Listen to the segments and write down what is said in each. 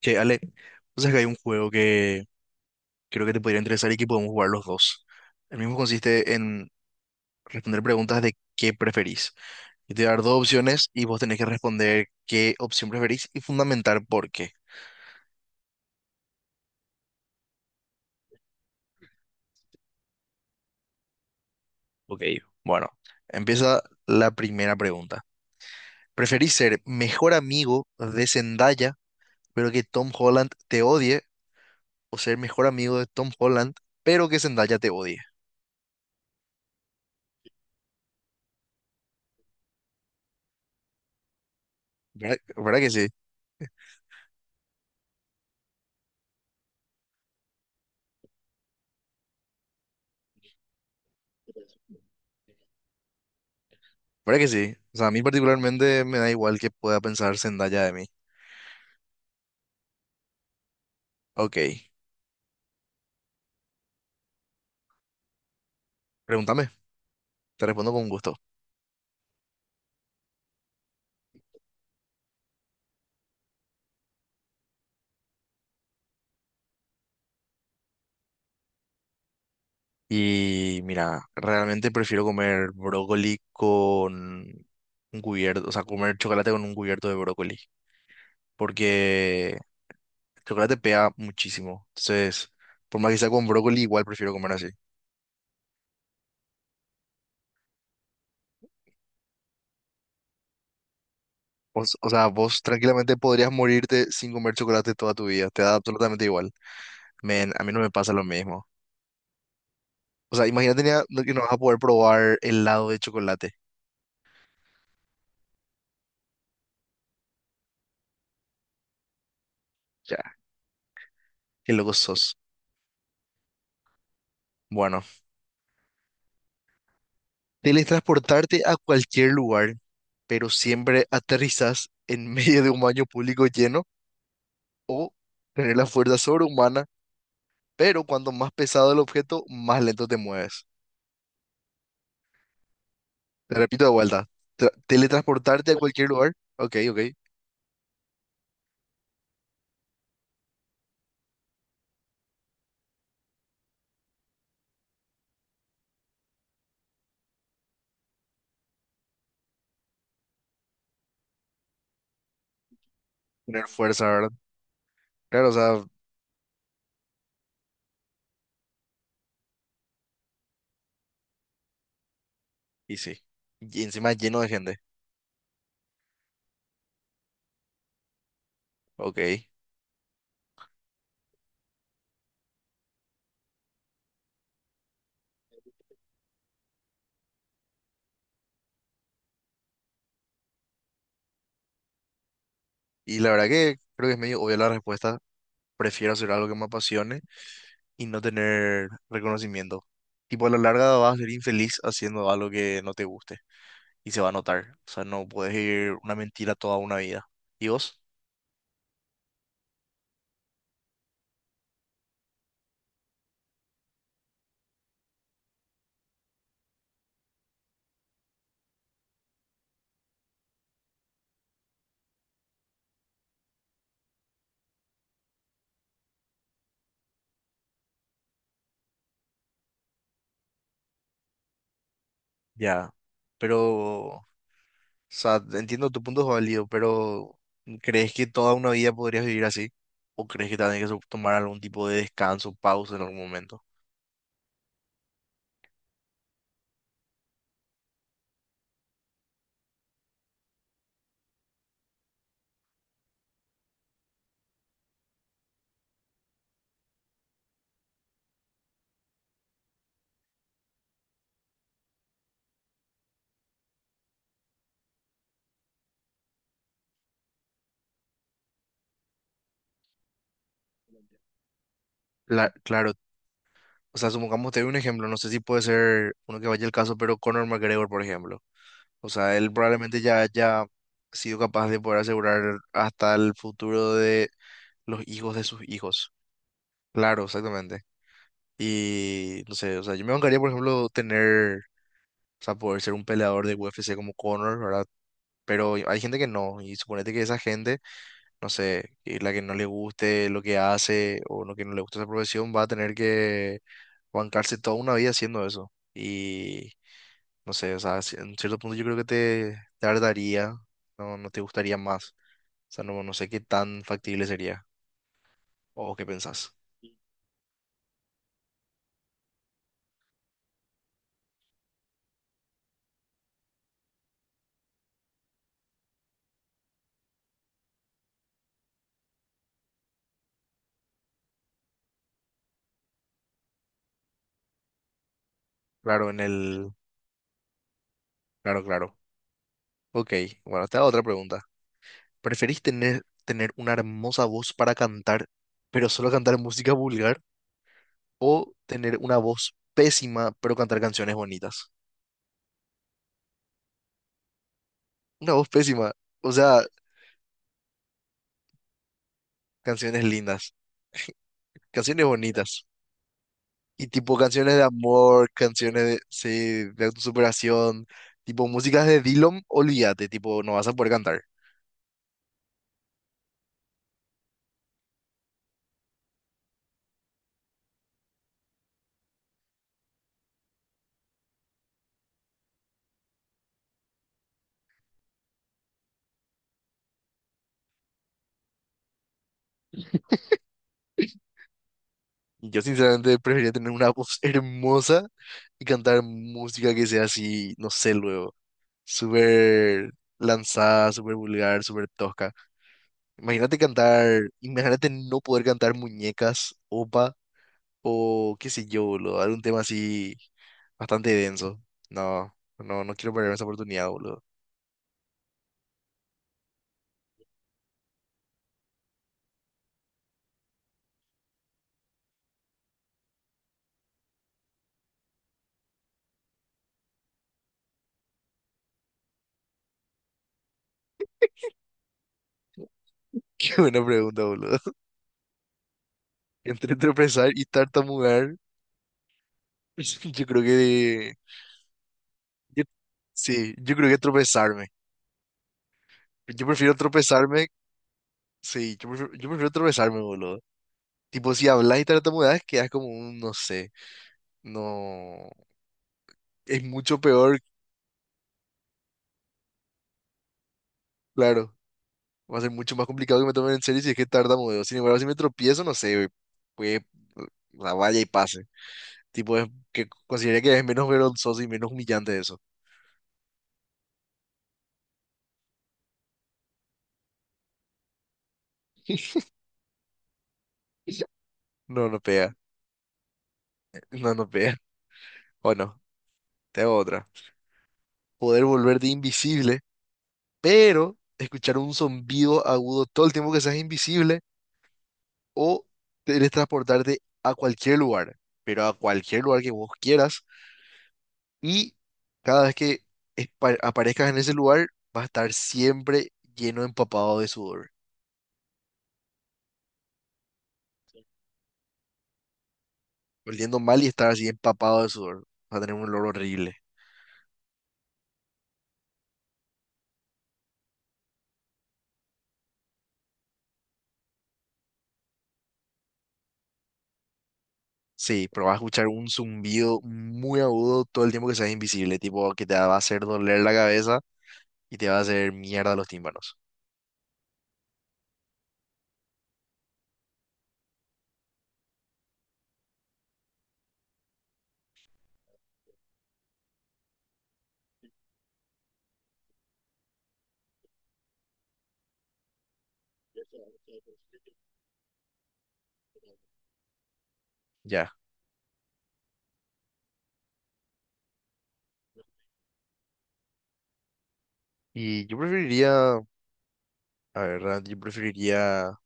Che, Ale, o que hay un juego que creo que te podría interesar y que podemos jugar los dos. El mismo consiste en responder preguntas de qué preferís. Yo te voy a dar dos opciones y vos tenés que responder qué opción preferís y fundamentar por qué. Ok, bueno, empieza la primera pregunta. ¿Preferís ser mejor amigo de Zendaya, pero que Tom Holland te odie, o ser mejor amigo de Tom Holland, pero que Zendaya te odie? ¿Verdad, verdad que sí? ¿Verdad que sí? O sea, a mí particularmente me da igual que pueda pensar Zendaya de mí. Ok, pregúntame, te respondo con gusto. Y mira, realmente prefiero comer brócoli con un cubierto, o sea, comer chocolate con un cubierto de brócoli, porque el chocolate pega muchísimo. Entonces, por más que sea con brócoli, igual prefiero comer así. O sea, vos tranquilamente podrías morirte sin comer chocolate toda tu vida, te da absolutamente igual. Men, a mí no me pasa lo mismo. O sea, imagínate que no vas a poder probar helado de chocolate. Ya, qué loco sos. Bueno, teletransportarte a cualquier lugar, pero siempre aterrizas en medio de un baño público lleno o tener la fuerza sobrehumana, pero cuanto más pesado el objeto, más lento te mueves. Te repito de vuelta, teletransportarte a cualquier lugar, ok, ok, tener fuerza, ¿verdad? Claro, o sea, y sí. Y encima lleno de gente, ok. Y la verdad que creo que es medio obvia la respuesta. Prefiero hacer algo que me apasione y no tener reconocimiento. Tipo, a la larga vas a ser infeliz haciendo algo que no te guste y se va a notar. O sea, no puedes ir una mentira toda una vida. ¿Y vos? Ya. Pero, o sea, entiendo tu punto es válido, pero ¿crees que toda una vida podrías vivir así? ¿O crees que también que tomar algún tipo de descanso, pausa en algún momento? Claro, o sea, supongamos te doy un ejemplo, no sé si puede ser uno que vaya el caso, pero Conor McGregor, por ejemplo. O sea, él probablemente ya haya sido capaz de poder asegurar hasta el futuro de los hijos de sus hijos. Claro, exactamente. Y no sé, o sea, yo me bancaría, por ejemplo, tener, o sea, poder ser un peleador de UFC como Conor, ¿verdad? Pero hay gente que no, y suponete que esa gente, no sé, que la que no le guste lo que hace o lo que no le gusta esa profesión, va a tener que bancarse toda una vida haciendo eso. Y no sé, o sea, en cierto punto yo creo que te tardaría, no, no te gustaría más. O sea, no, no sé qué tan factible sería. ¿O qué pensás? Claro, en el... Claro, claro. Ok, bueno, te hago otra pregunta. ¿Preferís tener una hermosa voz para cantar, pero solo cantar música vulgar? ¿O tener una voz pésima, pero cantar canciones bonitas? Una voz pésima, o sea, canciones lindas, canciones bonitas. Y tipo canciones de amor, canciones de, sí, de autosuperación, tipo músicas de Dillom, olvídate, tipo, no vas a poder cantar. Yo sinceramente preferiría tener una voz hermosa y cantar música que sea así, no sé, luego, súper lanzada, súper vulgar, súper tosca. Imagínate cantar, imagínate no poder cantar muñecas, opa, o qué sé yo, boludo, algún tema así bastante denso. No, no, no quiero perder esa oportunidad, boludo. Qué buena pregunta, boludo. Entre tropezar y tartamudear, yo creo que Yo- sí, yo creo que tropezarme. Yo prefiero tropezarme. Sí, yo prefiero tropezarme, boludo. Tipo, si hablas y tartamudeas, quedas como un, no sé. No. Es mucho peor, claro. Va a ser mucho más complicado que me tomen en serio si es que tartamudeo. Sin embargo, si me tropiezo, no sé, pues la valla y pase. Tipo, es que consideraría que es menos vergonzoso y menos humillante eso. No, no pega. No, no pega. Bueno, te hago otra. Poder volverte invisible pero escuchar un zumbido agudo todo el tiempo que seas invisible o teletransportarte a cualquier lugar, pero a cualquier lugar que vos quieras y cada vez que aparezcas en ese lugar vas a estar siempre lleno, empapado de sudor, oliendo mal y estar así empapado de sudor, vas a tener un olor horrible. Sí, pero vas a escuchar un zumbido muy agudo todo el tiempo que seas invisible, tipo que te va a hacer doler la cabeza y te va a hacer mierda los tímpanos. Ya. Y yo preferiría la verdad yo preferiría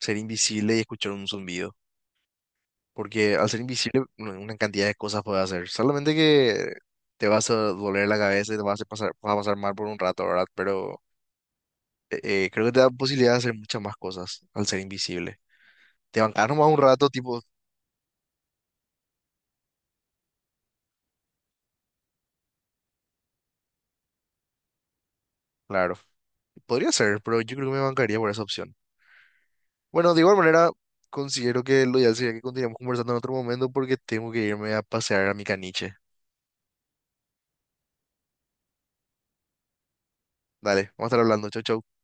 ser invisible y escuchar un zumbido. Porque al ser invisible, una cantidad de cosas puedes hacer. Solamente que te vas a doler la cabeza y te vas a hacer pasar, vas a pasar mal por un rato, ¿verdad? Pero eh, creo que te da posibilidad de hacer muchas más cosas al ser invisible. Te bancas nomás un rato, tipo, claro. Podría ser, pero yo creo que me bancaría por esa opción. Bueno, de igual manera, considero que lo ideal sería que continuemos conversando en otro momento porque tengo que irme a pasear a mi caniche. Dale, vamos a estar hablando. Chau, chau.